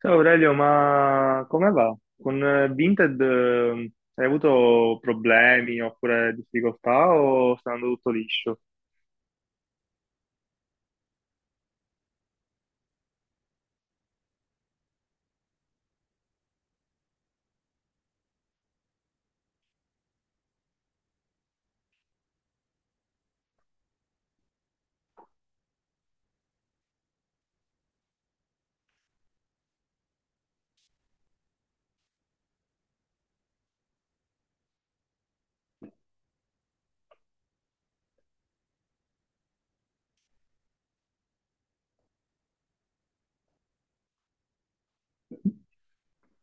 Ciao Aurelio, ma come va? Con Vinted hai avuto problemi oppure difficoltà o sta andando tutto liscio?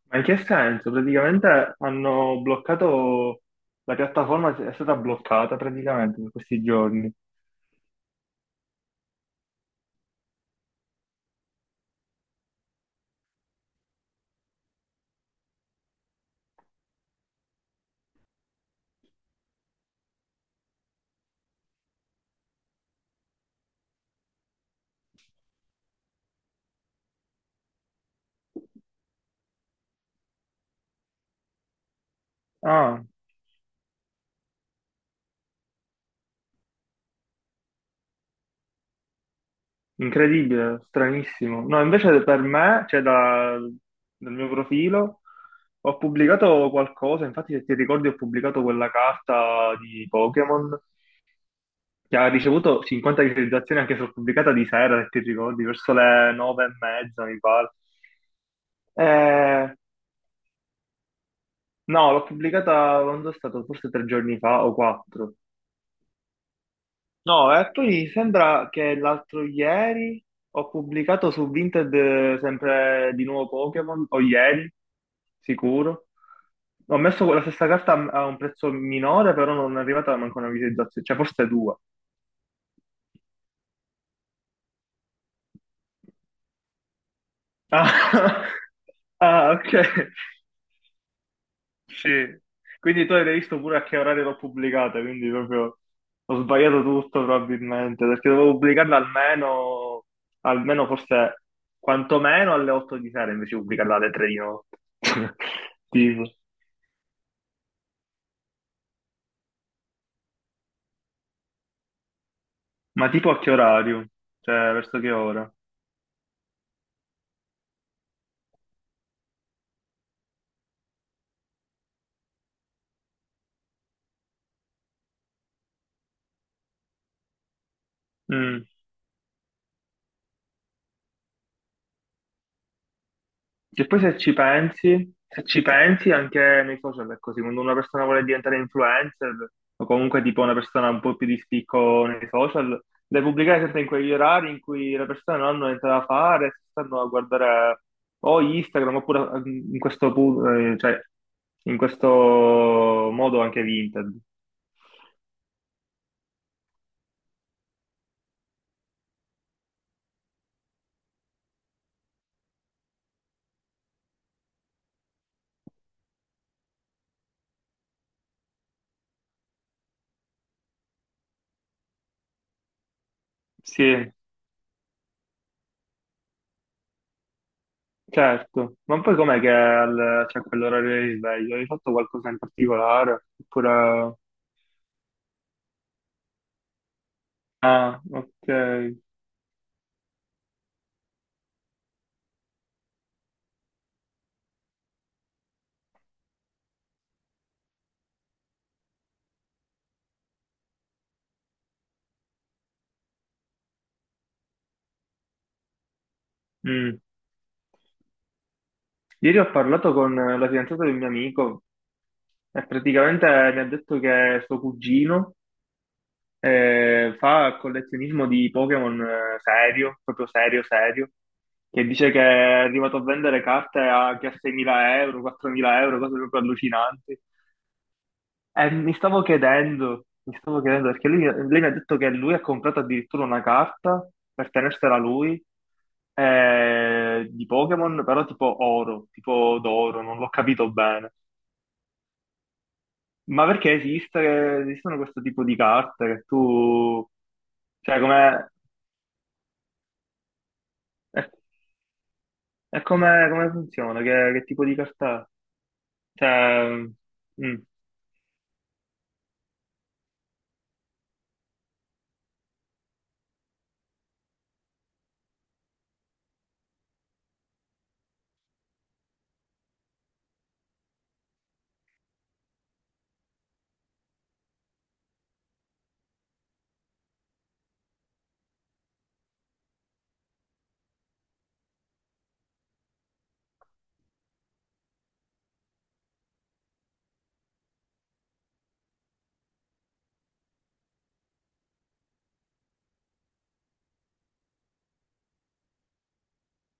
Ma in che senso? Praticamente hanno bloccato, la piattaforma è stata bloccata praticamente per questi giorni. Ah, incredibile, stranissimo. No, invece per me, cioè dal mio profilo, ho pubblicato qualcosa, infatti se ti ricordi ho pubblicato quella carta di Pokémon che ha ricevuto 50 visualizzazioni anche sulla pubblicata di sera, se ti ricordi, verso le 9:30, mi pare. Eh, no, l'ho pubblicata quando è stato forse tre giorni fa o quattro. No, e poi sembra che l'altro ieri ho pubblicato su Vinted sempre di nuovo Pokémon, o ieri, sicuro. Ho messo la stessa carta a un prezzo minore, però non è arrivata manco una visualizzazione, cioè forse due. Ah, ah, ok. Sì. Quindi tu hai visto pure a che orario l'ho pubblicata, quindi proprio ho sbagliato tutto probabilmente, perché dovevo pubblicarla almeno, forse quantomeno alle 8 di sera, invece di pubblicarla alle 3 di notte. Tipo. Ma tipo a che orario? Cioè, verso che ora? Mm. E poi se ci pensi, se ci pensi anche nei social è così, quando una persona vuole diventare influencer o comunque tipo una persona un po' più di spicco nei social, deve pubblicare sempre in quegli orari in cui le persone non hanno niente da fare, si stanno a guardare o Instagram oppure cioè, in questo modo anche Vinted. Sì, certo. Ma poi com'è che c'è quell'orario di sveglio? Hai fatto qualcosa in particolare? Oppure. Ah, ok. Mm. Ieri ho parlato con la fidanzata di un mio amico e praticamente mi ha detto che suo cugino fa collezionismo di Pokémon serio, proprio serio, serio, che dice che è arrivato a vendere carte anche a 6.000 euro, 4.000 euro, cose proprio allucinanti. Mi stavo chiedendo, perché lui, lei mi ha detto che lui ha comprato addirittura una carta per tenersela lui, di Pokémon, però tipo oro, tipo d'oro, non l'ho capito bene. Ma perché esiste, esistono questo tipo di carte che tu. Cioè, com'è, e come, funziona? Che tipo di carta è? Cioè, mm,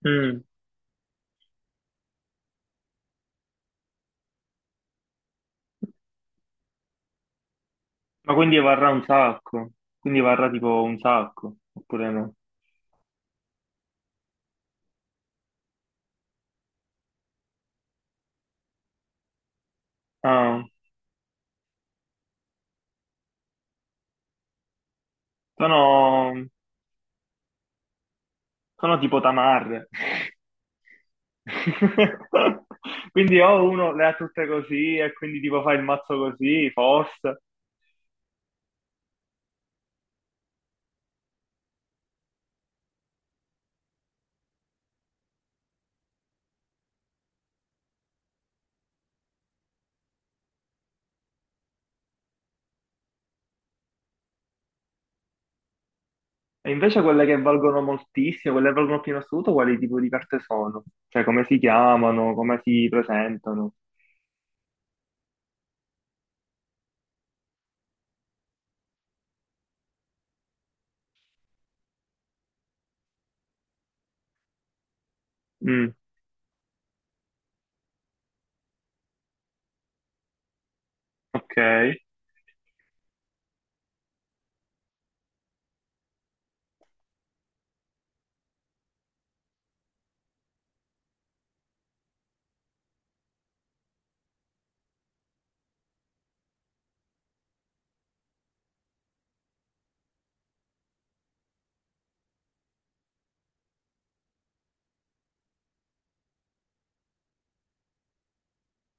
mm. Ma quindi varrà un sacco? Quindi varrà tipo un sacco, oppure no? Ah. Sono, sono tipo tamarre. Quindi o uno le ha tutte così e quindi tipo fa il mazzo così, forse. E invece quelle che valgono moltissimo, quelle che valgono più in assoluto, quali tipo di carte sono? Cioè come si chiamano, come si presentano? Mm, ok.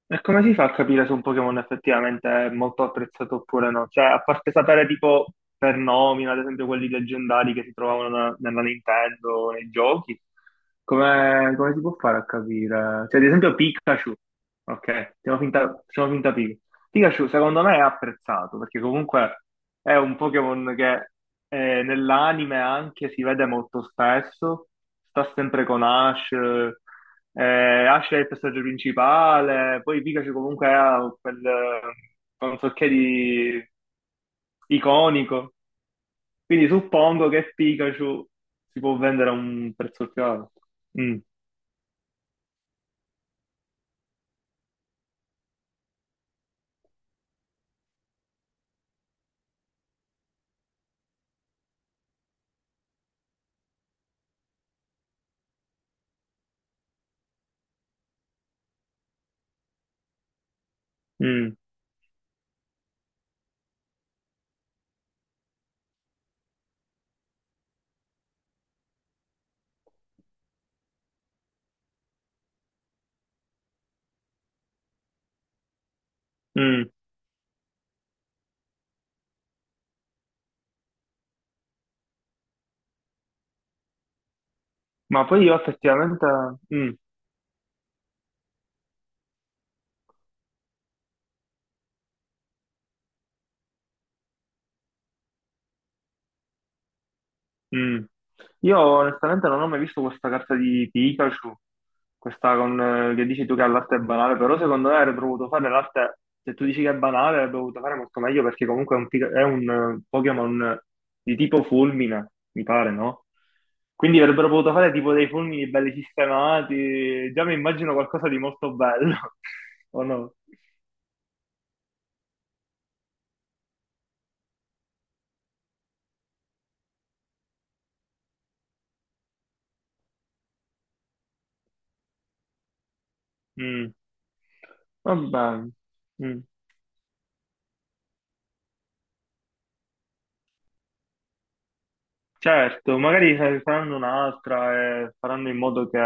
E come si fa a capire se un Pokémon effettivamente è molto apprezzato oppure no? Cioè, a parte sapere tipo per nomina, ad esempio quelli leggendari che si trovavano nella Nintendo, nei giochi, come, si può fare a capire? Cioè, ad esempio Pikachu, ok, facciamo finta, Pikachu secondo me è apprezzato perché comunque è un Pokémon che nell'anime anche si vede molto spesso, sta sempre con Ash, Ash è il personaggio principale, poi Pikachu comunque ha quel non so che di iconico, quindi suppongo che Pikachu si può vendere a un prezzo più alto. Mm, mm, mm. Ma poi io effettivamente. Mm. Mm. Io onestamente non ho mai visto questa carta di Pikachu, questa con, che dici tu che l'arte è banale, però secondo me avrebbe dovuto fare l'arte, se tu dici che è banale, avrebbe dovuto fare molto meglio perché comunque è un Pokémon di tipo fulmine, mi pare, no? Quindi avrebbero potuto fare tipo dei fulmini belli sistemati, già mi immagino qualcosa di molto bello, o no? Mm. Va bene. Mm. Certo, magari faranno un'altra e faranno in modo che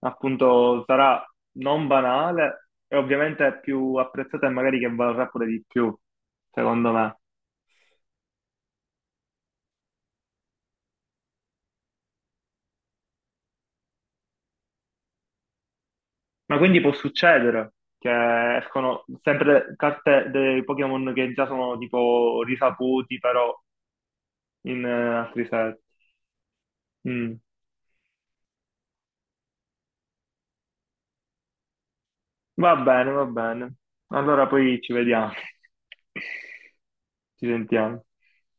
appunto sarà non banale e ovviamente più apprezzata e magari che valrà pure di più, secondo me. Ma quindi può succedere che escono sempre carte dei Pokémon che già sono tipo risaputi, però in altri set. Mm. Va bene, va bene. Allora poi ci vediamo, ci sentiamo.